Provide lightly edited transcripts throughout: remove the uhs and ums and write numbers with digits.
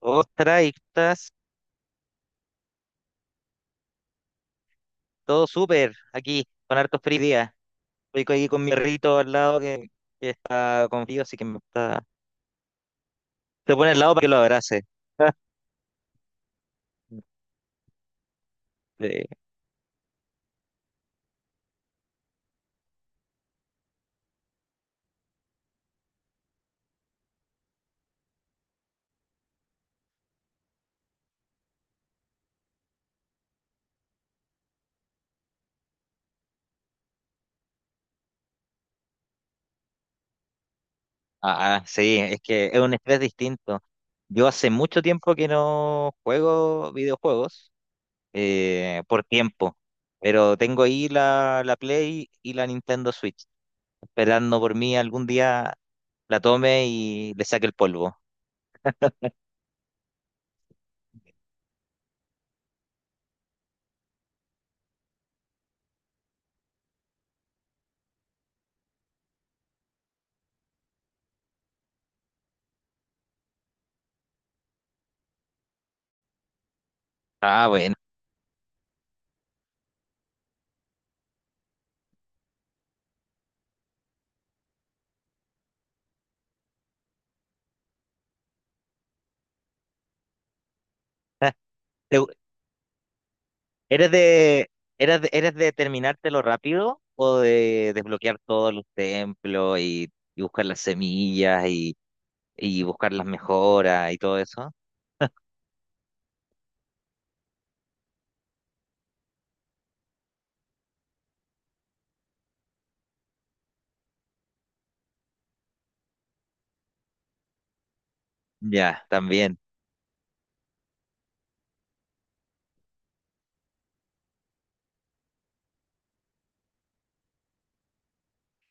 Ostras, y estás todo súper aquí, con hartos frío hoy día. Estoy aquí con mi rito al lado que está con frío, así que me está. Se pone al lado para que lo abrace. Sí. Ah, sí, es que es un estrés distinto. Yo hace mucho tiempo que no juego videojuegos por tiempo, pero tengo ahí la Play y la Nintendo Switch, esperando por mí algún día la tome y le saque el polvo. Ah, bueno. ¿Te, ¿Eres de, eres de terminártelo rápido o de desbloquear todos los templos y buscar las semillas y buscar las mejoras y todo eso? Ya, también.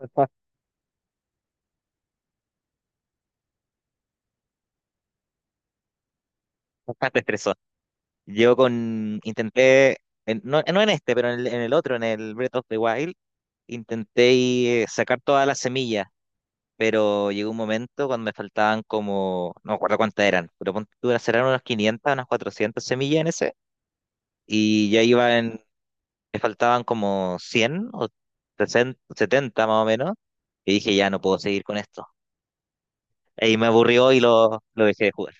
Bastante estresó. Intenté, no, no en este, pero en el otro, en el Breath of the Wild, intenté y, sacar todas las semillas, pero llegó un momento cuando me faltaban como, no me acuerdo cuántas eran, pero ponte tú, serán unas 500 unas 400 semillas en ese, y ya iban me faltaban como 100 o 60 70 más o menos, y dije, ya no puedo seguir con esto. Y me aburrió y lo dejé de jugar.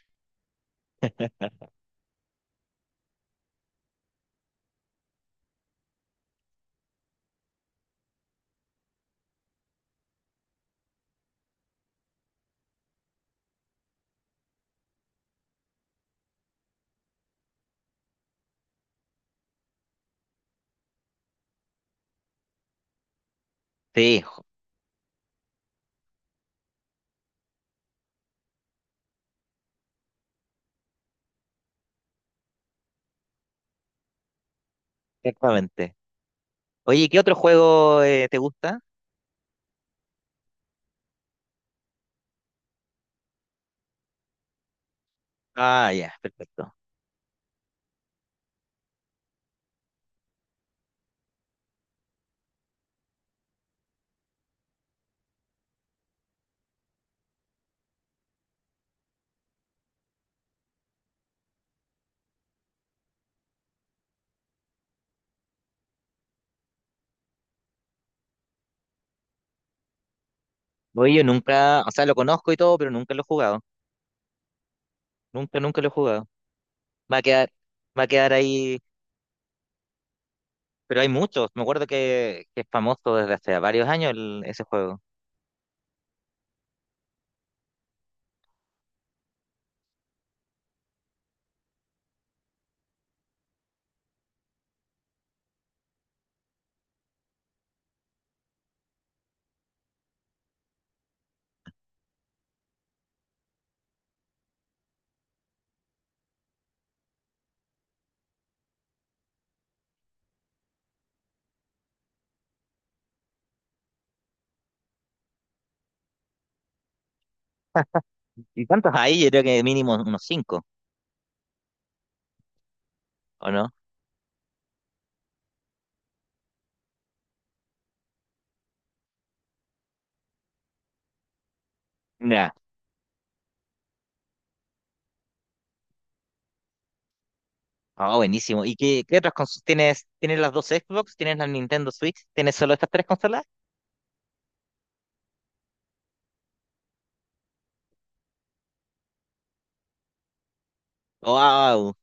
Sí, exactamente. Oye, ¿qué otro juego te gusta? Ah, ya, perfecto. Oye, yo nunca, o sea, lo conozco y todo, pero nunca lo he jugado. Nunca, nunca lo he jugado. Va a quedar, va a quedar ahí, pero hay muchos. Me acuerdo que es famoso desde hace varios años ese juego. ¿Y cuántos hay? Yo creo que mínimo unos cinco, ¿o no? Ya. Ah, buenísimo. ¿Y qué otras consolas tienes? ¿Tienes las dos Xbox? ¿Tienes la Nintendo Switch? ¿Tienes solo estas tres consolas? ¡Wow!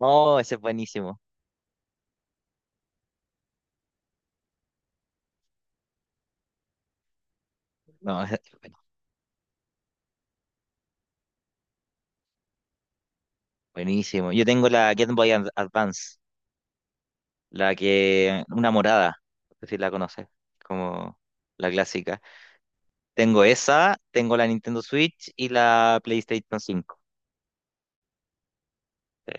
Oh, ese es buenísimo. No, ese es bueno, buenísimo. Yo tengo la Game Boy Advance, la que, una morada, no sé si la conoces, como la clásica. Tengo esa, tengo la Nintendo Switch y la PlayStation 5. Eh,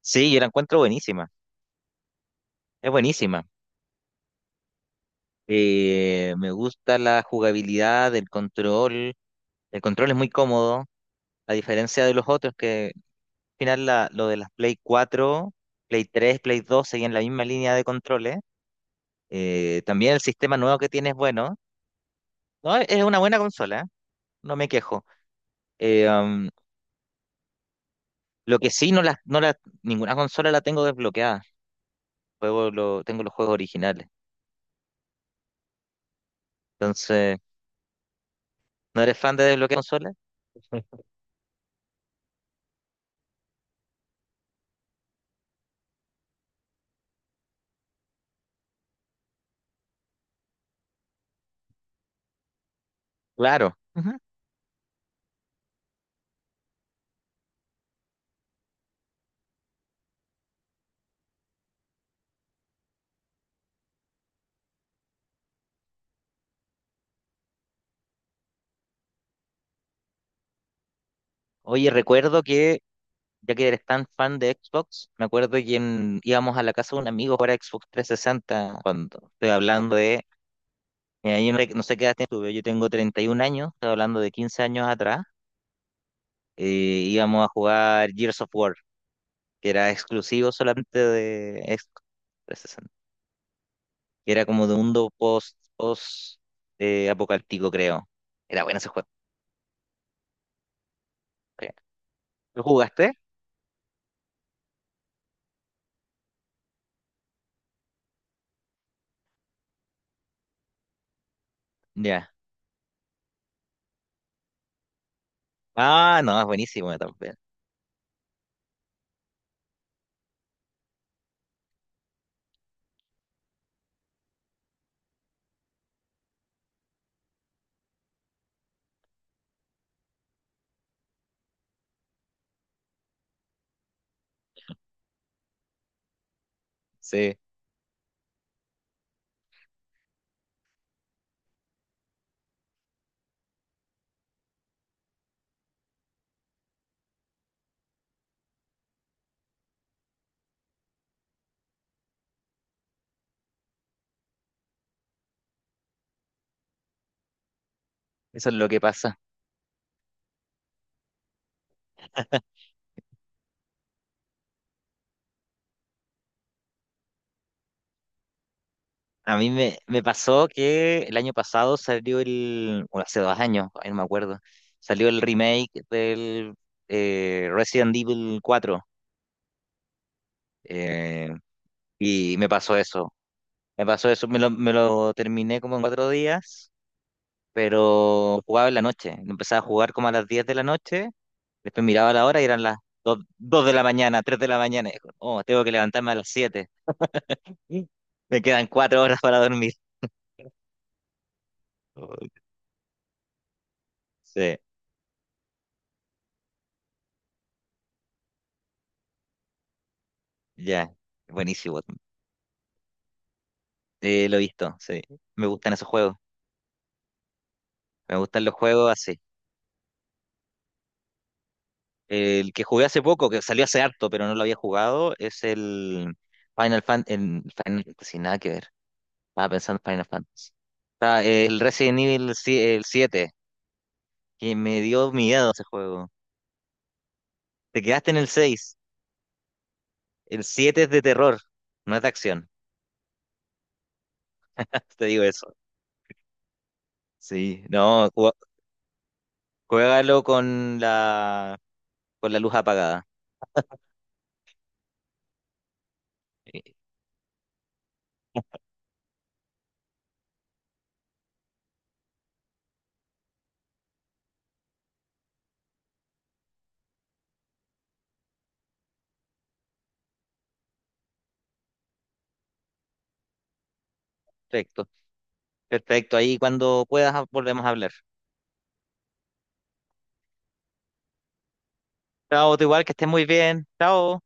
Sí, yo la encuentro buenísima. Es buenísima. Me gusta la jugabilidad, el control. El control es muy cómodo. A diferencia de los otros, que al final lo de las Play 4, Play 3, Play 2 seguían la misma línea de controles. También el sistema nuevo que tiene es bueno. No, es una buena consola, ¿eh? No me quejo. Eh, am, lo que sí, no la, ninguna consola la tengo desbloqueada. Juego lo, tengo los juegos originales. Entonces, ¿no eres fan de desbloquear consolas? Claro. Ujú. Oye, recuerdo que, ya que eres tan fan de Xbox, me acuerdo que íbamos a la casa de un amigo para Xbox 360 cuando estoy hablando de. Mira, yo no, no sé qué edad tuve. Yo tengo treinta y 31 años, estoy hablando de 15 años atrás. eh, íbamos a jugar Gears of War, que era exclusivo solamente de Xbox 360, que era como de un mundo post apocalíptico, creo. Era bueno ese juego. Sí. ¿Lo jugaste? Ya. Ah, no, es buenísimo también. Sí, eso es lo que pasa. A mí me pasó que el año pasado salió o hace 2 años, ay, no me acuerdo, salió el remake del Resident Evil 4 eh, y me pasó eso, me pasó eso, me lo terminé como en 4 días, pero jugaba en la noche, empezaba a jugar como a las 10 de la noche, después miraba la hora y eran las dos de la mañana, 3 de la mañana, y dijo, oh, tengo que levantarme a las 7. Me quedan 4 horas para dormir. Oh, sí, ya, buenísimo. Lo he visto, sí. Me gustan esos juegos. Me gustan los juegos así. El que jugué hace poco, que salió hace harto, pero no lo había jugado, es el Final Fantasy, nada que ver. Estaba pensando en Final Fantasy. Está el Resident Evil, el 7, que me dio miedo ese juego. Te quedaste en el 6. El siete es de terror, no es de acción. Te digo eso. Sí, no, juégalo con la luz apagada. Perfecto. Perfecto, ahí cuando puedas volvemos a hablar. Chao, tú igual, que estés muy bien. Chao.